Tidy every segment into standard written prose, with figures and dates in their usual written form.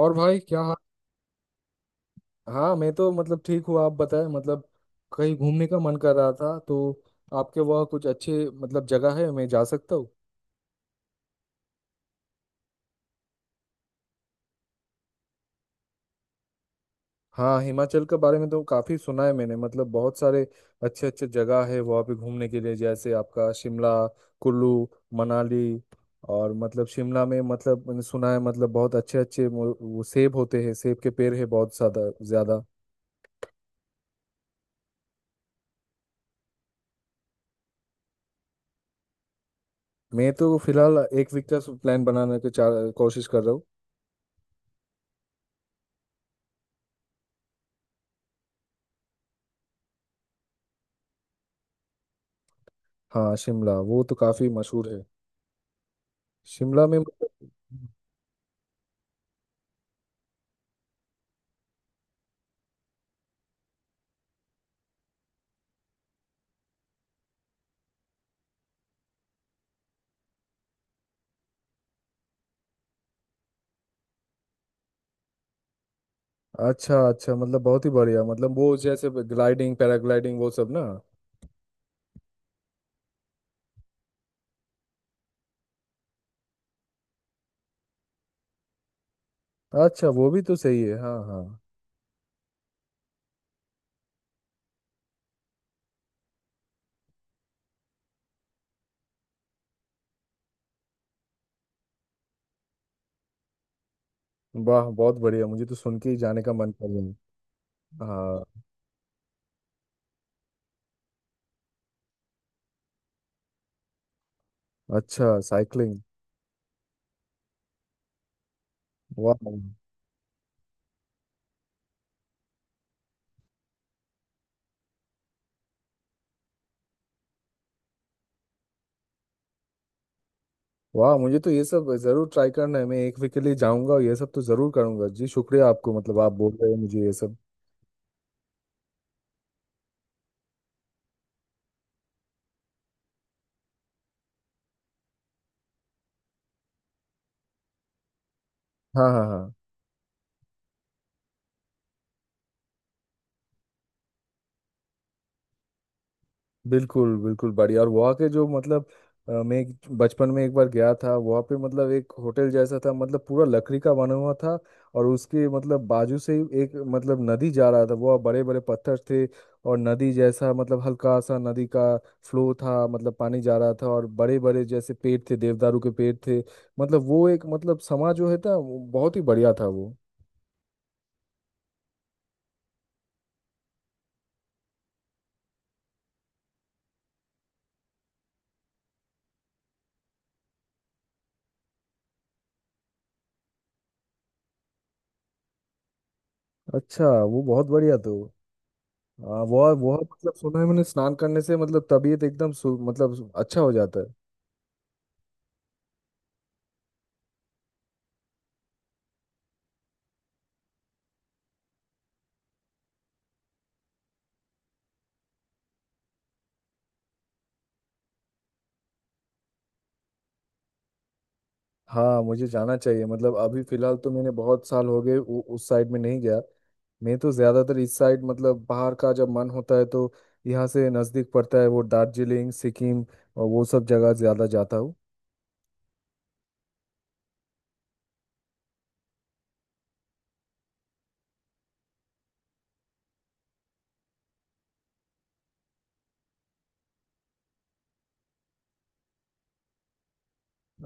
और भाई क्या हाँ, मैं तो मतलब ठीक हूँ। आप बताएं, मतलब कहीं घूमने का मन कर रहा था, तो आपके वहाँ कुछ अच्छे मतलब जगह है मैं जा सकता हूँ? हाँ, हिमाचल के बारे में तो काफ़ी सुना है मैंने, मतलब बहुत सारे अच्छे अच्छे जगह है वहाँ पे घूमने के लिए, जैसे आपका शिमला, कुल्लू, मनाली। और मतलब शिमला में मतलब मैंने सुना है मतलब बहुत अच्छे अच्छे वो सेब होते हैं, सेब के पेड़ है बहुत ज़्यादा ज़्यादा। मैं तो फिलहाल एक वीक का प्लान बनाने की कोशिश कर रहा हूँ। हाँ, शिमला वो तो काफी मशहूर है। शिमला में मतलब अच्छा अच्छा, मतलब बहुत ही बढ़िया, मतलब वो जैसे ग्लाइडिंग, पैराग्लाइडिंग, वो सब ना? अच्छा, वो भी तो सही है, हाँ हाँ। वाह बहुत बढ़िया, मुझे तो सुन के ही जाने का मन कर रहा है। हाँ। अच्छा, साइकिलिंग। वाह। वाह मुझे तो ये सब जरूर ट्राई करना है, मैं एक वीक के लिए जाऊंगा और ये सब तो जरूर करूंगा। जी, शुक्रिया आपको, मतलब आप बोल रहे हैं मुझे ये सब। हाँ हाँ हाँ। बिल्कुल बिल्कुल बढ़िया। और वहाँ के जो मतलब मैं बचपन में एक बार गया था वहाँ पे, मतलब एक होटल जैसा था, मतलब पूरा लकड़ी का बना हुआ था। और उसके मतलब बाजू से ही एक मतलब नदी जा रहा था, वह बड़े बड़े पत्थर थे। और नदी जैसा मतलब हल्का सा नदी का फ्लो था, मतलब पानी जा रहा था, और बड़े बड़े जैसे पेड़ थे, देवदारू के पेड़ थे। मतलब वो एक मतलब समा जो है था वो बहुत ही बढ़िया था वो। अच्छा, वो बहुत बढ़िया तो। हाँ, वो मतलब सुना है मैंने, स्नान करने से मतलब तबीयत एकदम मतलब अच्छा हो जाता है। हाँ मुझे जाना चाहिए, मतलब अभी फिलहाल तो मैंने बहुत साल हो गए उस साइड में नहीं गया। मैं तो ज्यादातर इस साइड, मतलब बाहर का जब मन होता है तो यहाँ से नजदीक पड़ता है वो दार्जिलिंग, सिक्किम, और वो सब जगह ज्यादा जाता हूँ।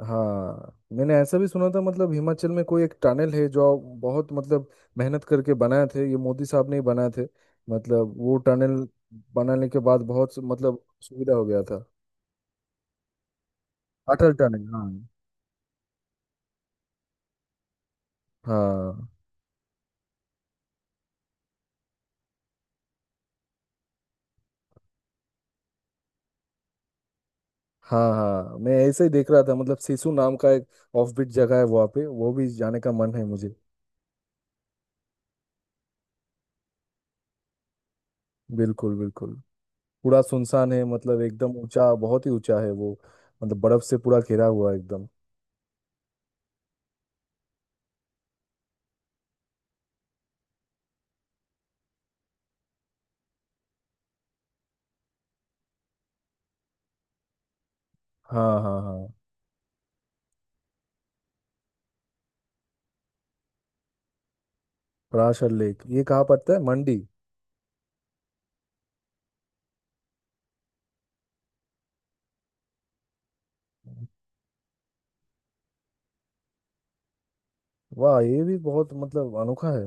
हाँ मैंने ऐसा भी सुना था, मतलब हिमाचल में कोई एक टनल है जो बहुत मतलब मेहनत करके बनाए थे, ये मोदी साहब ने ही बनाए थे। मतलब वो टनल बनाने के बाद बहुत मतलब सुविधा हो गया था। अटल टनल, हाँ। हाँ हाँ। हाँ मैं ऐसे ही देख रहा था, मतलब सिसु नाम का एक ऑफबीट जगह है वहाँ पे, वो भी जाने का मन है मुझे। बिल्कुल बिल्कुल। पूरा सुनसान है, मतलब एकदम ऊंचा, बहुत ही ऊंचा है वो। मतलब बर्फ से पूरा घिरा हुआ है एकदम। हाँ हाँ हाँ। पराशर लेक, ये कहाँ पड़ता है, मंडी? वाह, ये भी बहुत मतलब अनोखा है।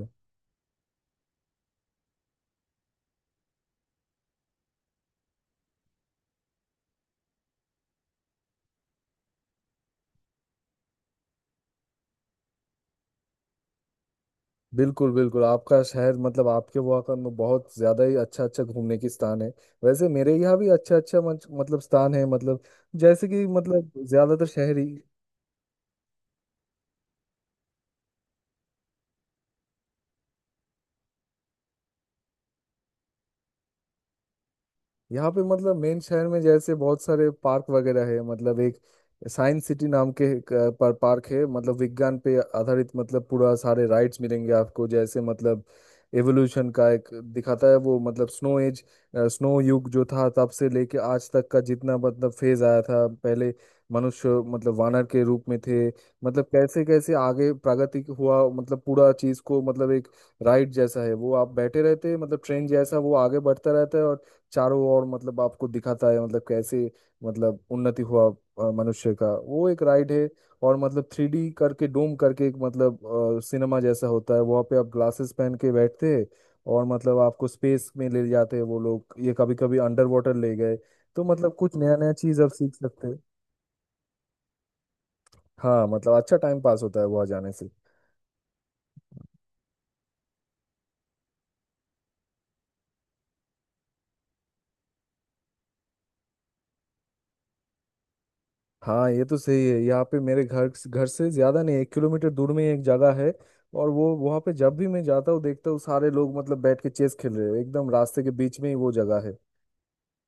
बिल्कुल बिल्कुल, आपका शहर, मतलब आपके वहाँ का बहुत ज्यादा ही अच्छा अच्छा घूमने की स्थान है। वैसे मेरे यहाँ भी अच्छा अच्छा मतलब स्थान है, मतलब जैसे कि मतलब ज्यादातर शहरी। यहाँ पे मतलब मेन शहर में जैसे बहुत सारे पार्क वगैरह है, मतलब एक साइंस सिटी नाम के एक, पर पार्क है, मतलब विज्ञान पे आधारित, मतलब पूरा सारे राइड्स मिलेंगे आपको, जैसे मतलब एवोल्यूशन का एक दिखाता है वो, मतलब स्नो एज, स्नो युग जो था, तब से लेके आज तक का जितना मतलब फेज आया था। पहले मनुष्य मतलब वानर के रूप में थे, मतलब कैसे कैसे आगे प्रगति हुआ, मतलब पूरा चीज को मतलब एक राइड जैसा है वो, आप बैठे रहते हैं मतलब ट्रेन जैसा, वो आगे बढ़ता रहता है, और चारों ओर मतलब आपको दिखाता है मतलब कैसे, मतलब उन्नति हुआ मनुष्य का, वो एक राइड है। और मतलब 3D करके, डोम करके एक मतलब सिनेमा जैसा होता है, वहाँ पे आप ग्लासेस पहन के बैठते हैं, और मतलब आपको स्पेस में ले जाते हैं वो लोग, ये कभी कभी अंडर वाटर ले गए, तो मतलब कुछ नया नया चीज आप सीख सकते हैं। हाँ, मतलब अच्छा टाइम पास होता है वहाँ जाने से। हाँ ये तो सही है, यहाँ पे मेरे घर घर से ज्यादा नहीं, एक किलोमीटर दूर में ही एक जगह है, और वो वहाँ पे जब भी मैं जाता हूँ देखता हूँ सारे लोग मतलब बैठ के चेस खेल रहे हैं, एकदम रास्ते के बीच में ही वो जगह है।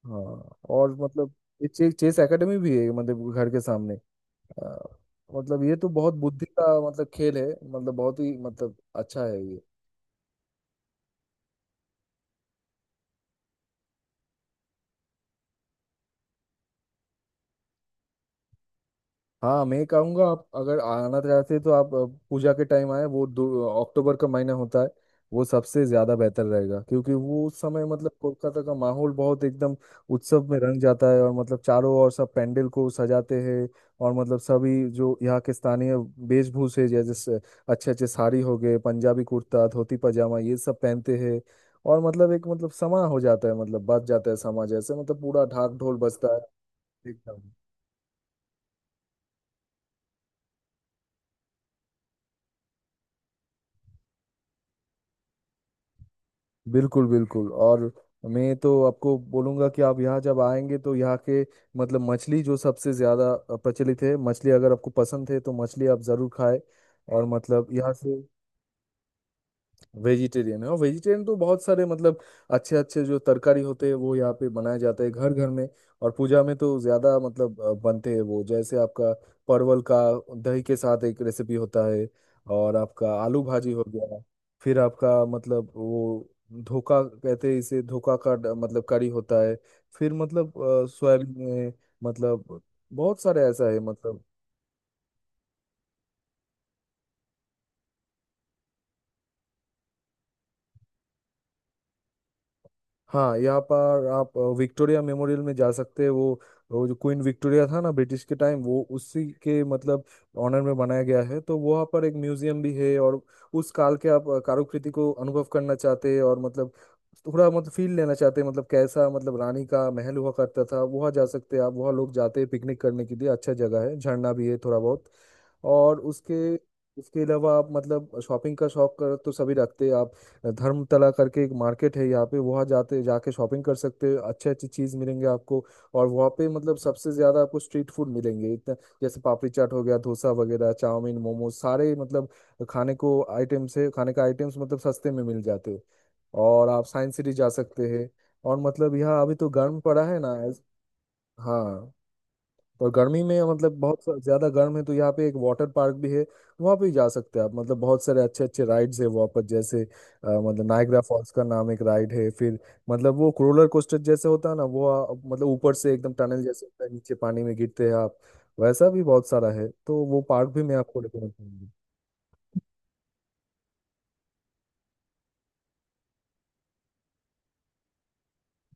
हाँ। और मतलब ये चेस चेस एकेडमी भी है, मतलब घर के सामने। आ, मतलब ये तो बहुत बुद्धि का मतलब खेल है, मतलब बहुत ही मतलब अच्छा है ये। हाँ मैं कहूँगा, आप अगर आना चाहते हैं तो आप पूजा के टाइम आए, वो अक्टूबर का महीना होता है, वो सबसे ज्यादा बेहतर रहेगा, क्योंकि वो उस समय मतलब कोलकाता का माहौल बहुत एकदम उत्सव में रंग जाता है, और मतलब चारों ओर सब पंडाल को सजाते हैं। और मतलब सभी जो यहाँ के स्थानीय वेशभूषे जैसे अच्छे अच्छे साड़ी हो गए, पंजाबी कुर्ता, धोती पजामा, ये सब पहनते हैं। और मतलब एक मतलब समा हो जाता है, मतलब बच जाता है समा जैसे, मतलब पूरा ढाक ढोल बजता है एकदम। बिल्कुल बिल्कुल। और मैं तो आपको बोलूंगा कि आप यहाँ जब आएंगे तो यहाँ के मतलब मछली जो सबसे ज़्यादा प्रचलित है, मछली अगर आपको पसंद है तो मछली आप ज़रूर खाएं। और मतलब यहाँ से। वेजिटेरियन है, और वेजिटेरियन तो बहुत सारे मतलब अच्छे अच्छे जो तरकारी होते हैं वो यहाँ पे बनाए जाते हैं घर घर में। और पूजा में तो ज्यादा मतलब बनते हैं, वो जैसे आपका परवल का दही के साथ एक रेसिपी होता है, और आपका आलू भाजी हो गया, फिर आपका मतलब वो, धोखा कहते हैं इसे, धोखा का मतलब करी होता है। फिर मतलब सोयाबीन में मतलब बहुत सारे ऐसा है मतलब। हाँ, यहाँ पर आप विक्टोरिया मेमोरियल में जा सकते हैं, वो जो क्वीन विक्टोरिया था ना ब्रिटिश के टाइम, वो उसी के मतलब ऑनर में बनाया गया है। तो वहाँ पर एक म्यूजियम भी है, और उस काल के आप कारुकृति को अनुभव करना चाहते हैं, और मतलब थोड़ा मतलब फील लेना चाहते हैं, मतलब कैसा मतलब रानी का महल हुआ करता था, वहाँ जा सकते हैं आप। वहाँ लोग जाते हैं पिकनिक करने के लिए, अच्छा जगह है, झरना भी है थोड़ा बहुत। और उसके उसके अलावा आप मतलब शॉपिंग का शौक कर तो सभी रखते हैं आप। धर्मतला करके एक मार्केट है यहाँ पे, वहाँ जाते जाके शॉपिंग कर सकते हो, अच्छे अच्छे चीज़ मिलेंगे आपको। और वहाँ पे मतलब सबसे ज़्यादा आपको स्ट्रीट फूड मिलेंगे इतना, जैसे पापड़ी चाट हो गया, डोसा वगैरह, चाउमीन, मोमोज, सारे मतलब खाने को आइटम्स है, खाने का आइटम्स मतलब सस्ते में मिल जाते हैं। और आप साइंस सिटी जा सकते हैं। और मतलब यहाँ अभी तो गर्म पड़ा है ना। हाँ, और गर्मी में मतलब बहुत ज्यादा गर्म है, तो यहाँ पे एक वाटर पार्क भी है। वहाँ पे भी जा सकते हैं आप, मतलब बहुत सारे अच्छे अच्छे राइड्स है वहाँ पर, जैसे मतलब नायग्रा फॉल्स का नाम एक राइड है, फिर मतलब वो रोलर कोस्टर जैसे होता है ना, वो मतलब ऊपर से एकदम टनल जैसे होता है, नीचे पानी में गिरते हैं आप। वैसा भी बहुत सारा है, तो वो पार्क भी मैं आपको रिकमेंड करूंगा।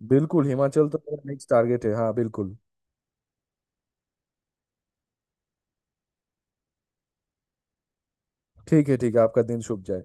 बिल्कुल, हिमाचल तो मेरा नेक्स्ट टारगेट है, हाँ बिल्कुल। ठीक है, ठीक है, आपका दिन शुभ जाए।